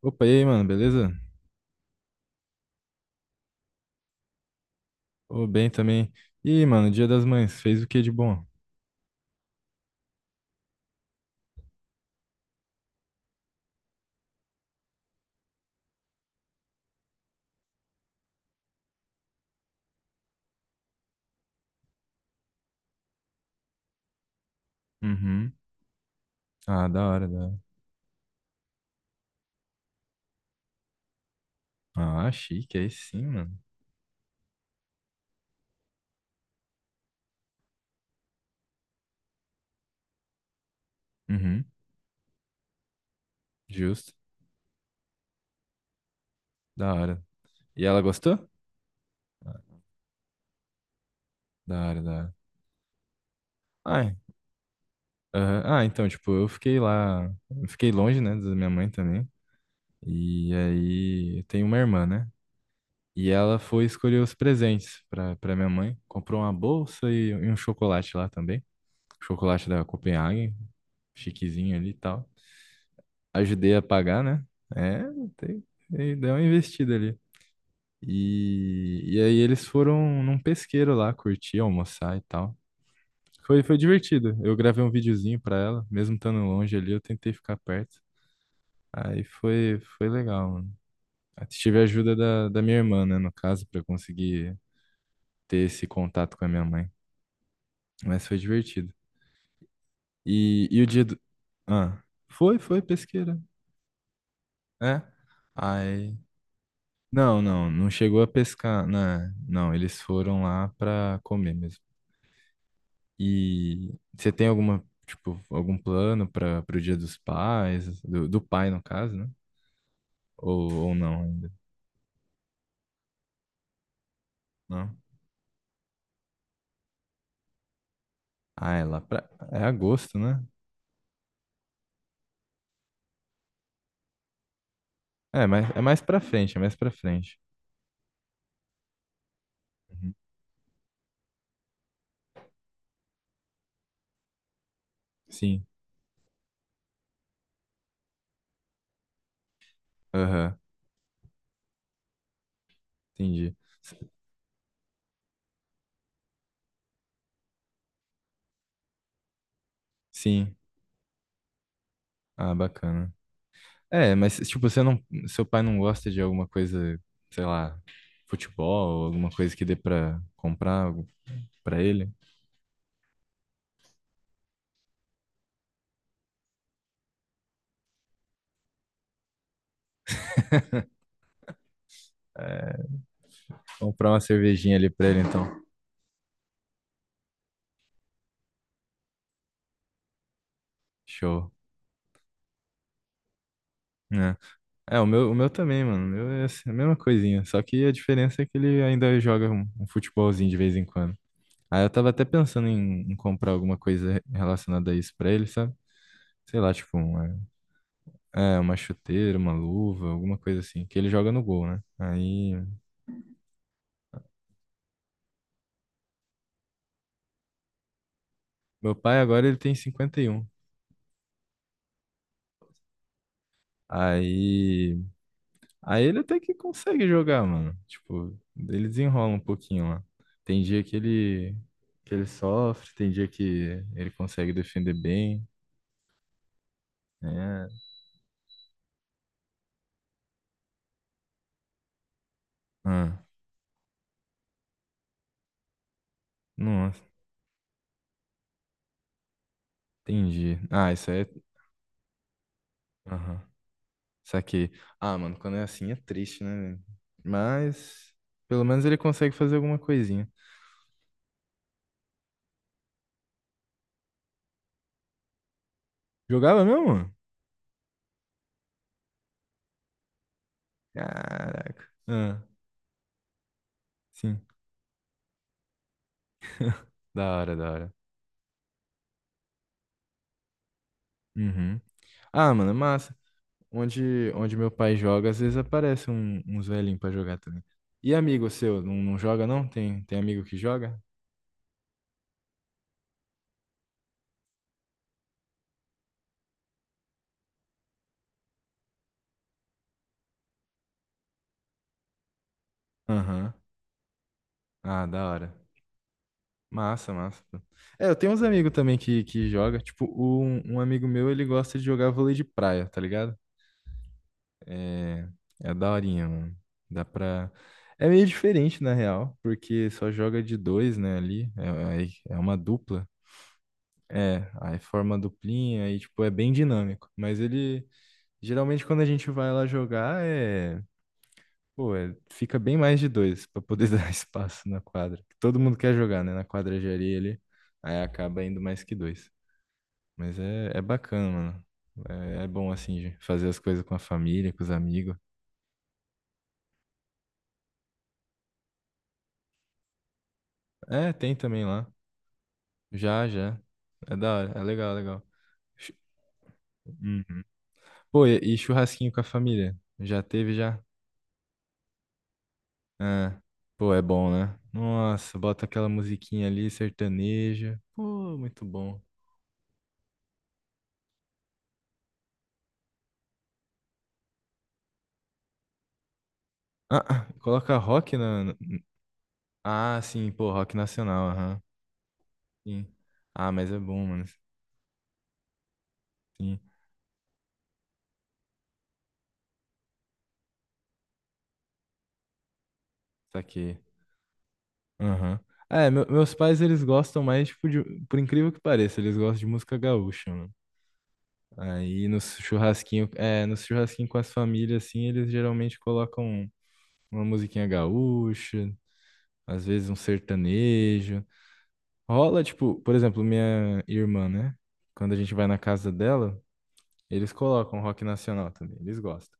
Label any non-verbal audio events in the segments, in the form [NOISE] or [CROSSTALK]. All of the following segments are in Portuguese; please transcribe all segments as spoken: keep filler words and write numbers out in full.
Opa, e aí, mano, beleza? Ô, bem também. E mano, Dia das Mães, fez o que de bom? Uhum. Ah, da hora, da hora. Ah, chique, aí sim, mano. Uhum, justo. Da hora. E ela gostou? Ah, da hora, da hora. Ai, aham. Ah, então, tipo, eu fiquei lá, eu fiquei longe, né, da minha mãe também. E aí, eu tenho uma irmã, né? E ela foi escolher os presentes pra, pra minha mãe. Comprou uma bolsa e, e um chocolate lá também. Chocolate da Copenhagen, chiquezinho ali e tal. Ajudei a pagar, né? É, tem, tem, deu uma investida ali. E, e aí eles foram num pesqueiro lá, curtir, almoçar e tal. Foi, foi divertido. Eu gravei um videozinho pra ela, mesmo estando longe ali, eu tentei ficar perto. Aí foi, foi legal, mano. Aí tive a ajuda da, da minha irmã, né, no caso, pra conseguir ter esse contato com a minha mãe. Mas foi divertido. E, e o dia do... Ah, foi, foi, pesqueira. É. Aí... Não, não, não chegou a pescar, né? Não, eles foram lá pra comer mesmo. E você tem alguma, tipo, algum plano para pro Dia dos Pais, do, do pai no caso, né? Ou, ou não, ainda, não? Ah, é lá pra, é agosto, né? É, mas é mais pra frente, é mais pra frente. Uhum. Sim, aham, entendi. S- Sim, ah, bacana. É, mas tipo, você não, seu pai não gosta de alguma coisa, sei lá, futebol, alguma coisa que dê pra comprar algo pra ele? É, comprar uma cervejinha ali pra ele, então. Show. Né? É, o meu, o meu também, mano. O meu é assim, a mesma coisinha. Só que a diferença é que ele ainda joga um, um futebolzinho de vez em quando. Aí eu tava até pensando em, em comprar alguma coisa relacionada a isso pra ele, sabe? Sei lá, tipo, uma, é, uma chuteira, uma luva, alguma coisa assim. Que ele joga no gol, né? Aí. Meu pai agora ele tem cinquenta e um. Aí. Aí ele até que consegue jogar, mano. Tipo, ele desenrola um pouquinho lá. Tem dia que ele, que ele sofre, tem dia que ele consegue defender bem. É, ah, nossa, entendi. Ah, isso aí é. Aham, saquei. Ah, mano, quando é assim é triste, né, velho? Mas pelo menos ele consegue fazer alguma coisinha. Jogava mesmo? Caraca. Ah, sim, da hora, da hora. Uhum. Ah, mano, é massa. Onde, onde meu pai joga, às vezes aparece um, uns velhinhos pra jogar também. E amigo seu, não, não joga não? Tem, tem amigo que joga? Aham. Ah, da hora. Massa, massa, pô. É, eu tenho uns amigos também que, que joga. Tipo, um, um amigo meu, ele gosta de jogar vôlei de praia, tá ligado? É, é daorinha, mano. Dá pra... É meio diferente, na real, porque só joga de dois, né, ali. É, é é uma dupla. É, aí forma a duplinha, aí, tipo, é bem dinâmico. Mas ele... Geralmente quando a gente vai lá jogar é, pô, é- fica bem mais de dois pra poder [LAUGHS] dar espaço na quadra. Todo mundo quer jogar, né? Na quadra de areia ali, aí acaba indo mais que dois. Mas é, é bacana, mano. É, é bom assim de fazer as coisas com a família, com os amigos. É, tem também lá. Já, já. É da hora, é legal, legal. Chu- Uhum. Pô, e, e churrasquinho com a família? Já teve já? Ah, pô, é bom, né? Nossa, bota aquela musiquinha ali, sertaneja. Pô, muito bom. Ah, ah, coloca rock na. na- Ah, sim, pô, rock nacional, aham. Sim. Ah, mas é bom, mano. Sim, saquei. Aham. É, meu- meus pais, eles gostam mais, tipo, de. Por incrível que pareça, eles gostam de música gaúcha, mano. Aí no churrasquinho, é, no churrasquinho com as famílias, assim, eles geralmente colocam uma musiquinha gaúcha, às vezes um sertanejo. Rola, tipo, por exemplo, minha irmã, né? Quando a gente vai na casa dela, eles colocam rock nacional também, eles gostam.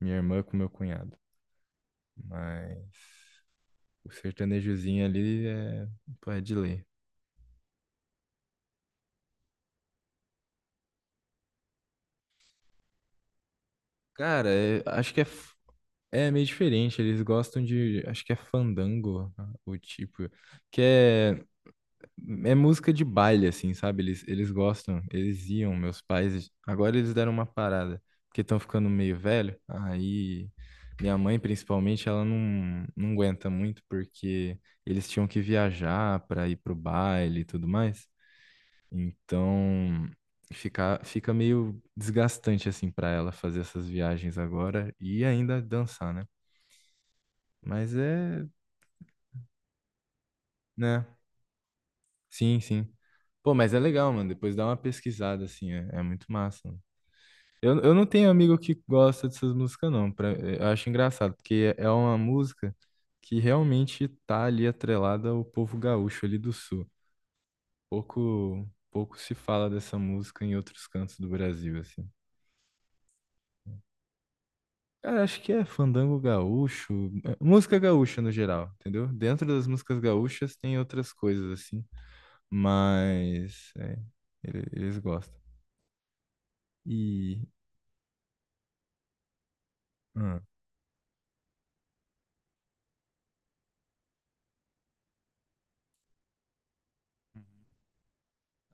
Minha irmã com meu cunhado. Mas o sertanejozinho ali é, pô, é de lei. Cara, é- acho que é, f- é meio diferente. Eles gostam de. Acho que é fandango, ah, o tipo. Que é, é música de baile, assim, sabe? Eles, eles gostam. Eles iam, meus pais. Agora eles deram uma parada. Porque estão ficando meio velho. Aí. Minha mãe, principalmente, ela não, não aguenta muito porque eles tinham que viajar para ir pro baile e tudo mais. Então, fica, fica meio desgastante assim para ela fazer essas viagens agora e ainda dançar, né? Mas é, né? Sim, sim. Pô, mas é legal, mano. Depois dá uma pesquisada assim, é, é muito massa, mano. Eu, eu não tenho amigo que gosta dessas músicas, não. Pra, eh, eu acho engraçado, porque é uma música que realmente tá ali atrelada ao povo gaúcho ali do sul. Pouco, pouco se fala dessa música em outros cantos do Brasil, assim. Cara, acho que é fandango gaúcho, é, música gaúcha no geral, entendeu? Dentro das músicas gaúchas tem outras coisas assim, mas é, ele- eles gostam. E hum,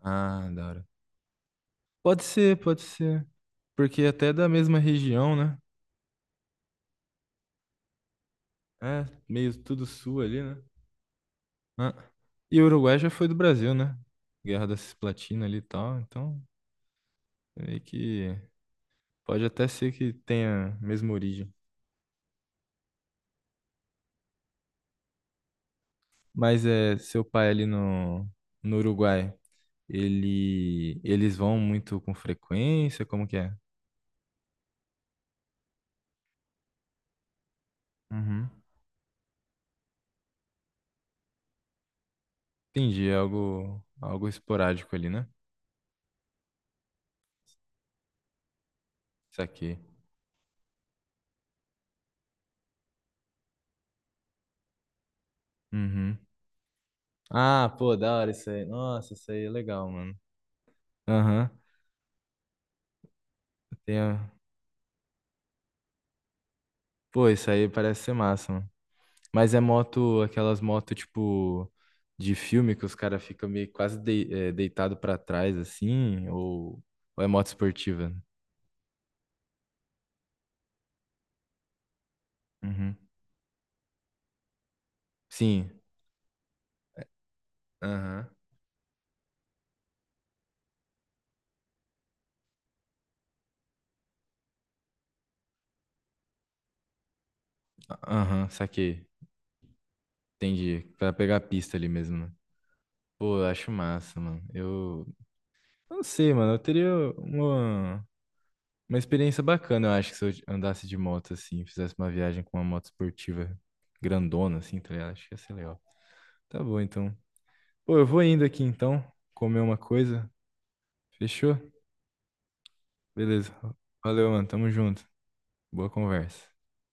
ah, da hora. Pode ser, pode ser, porque até é da mesma região, né? É, meio tudo sul ali, né? Ah, e o Uruguai já foi do Brasil, né? Guerra da Cisplatina ali e tal, então meio que pode até ser que tenha a mesma origem. Mas é seu pai ali no, no Uruguai, ele eles vão muito com frequência? Como que é? Uhum. Entendi, é algo algo esporádico ali, né? Isso aqui. Uhum. Ah, pô, da hora isso aí. Nossa, isso aí é legal, mano. Aham. Tem a- Pô, isso aí parece ser massa, mano. Mas é moto, aquelas motos tipo de filme que os caras ficam meio quase dei, eh, deitado para trás assim, ou, ou é moto esportiva? Uhum. Sim. Aham. Aham, saquei. Entendi. Pra pegar a pista ali mesmo, né? Pô, eu acho massa, mano. Eu eu não sei, mano. Eu teria uma, uma experiência bacana, eu acho, que se eu andasse de moto assim, fizesse uma viagem com uma moto esportiva grandona, assim, tá ligado? Acho que ia ser legal. Tá bom, então. Pô, eu vou indo aqui então, comer uma coisa. Fechou? Beleza. Valeu, mano. Tamo junto. Boa conversa.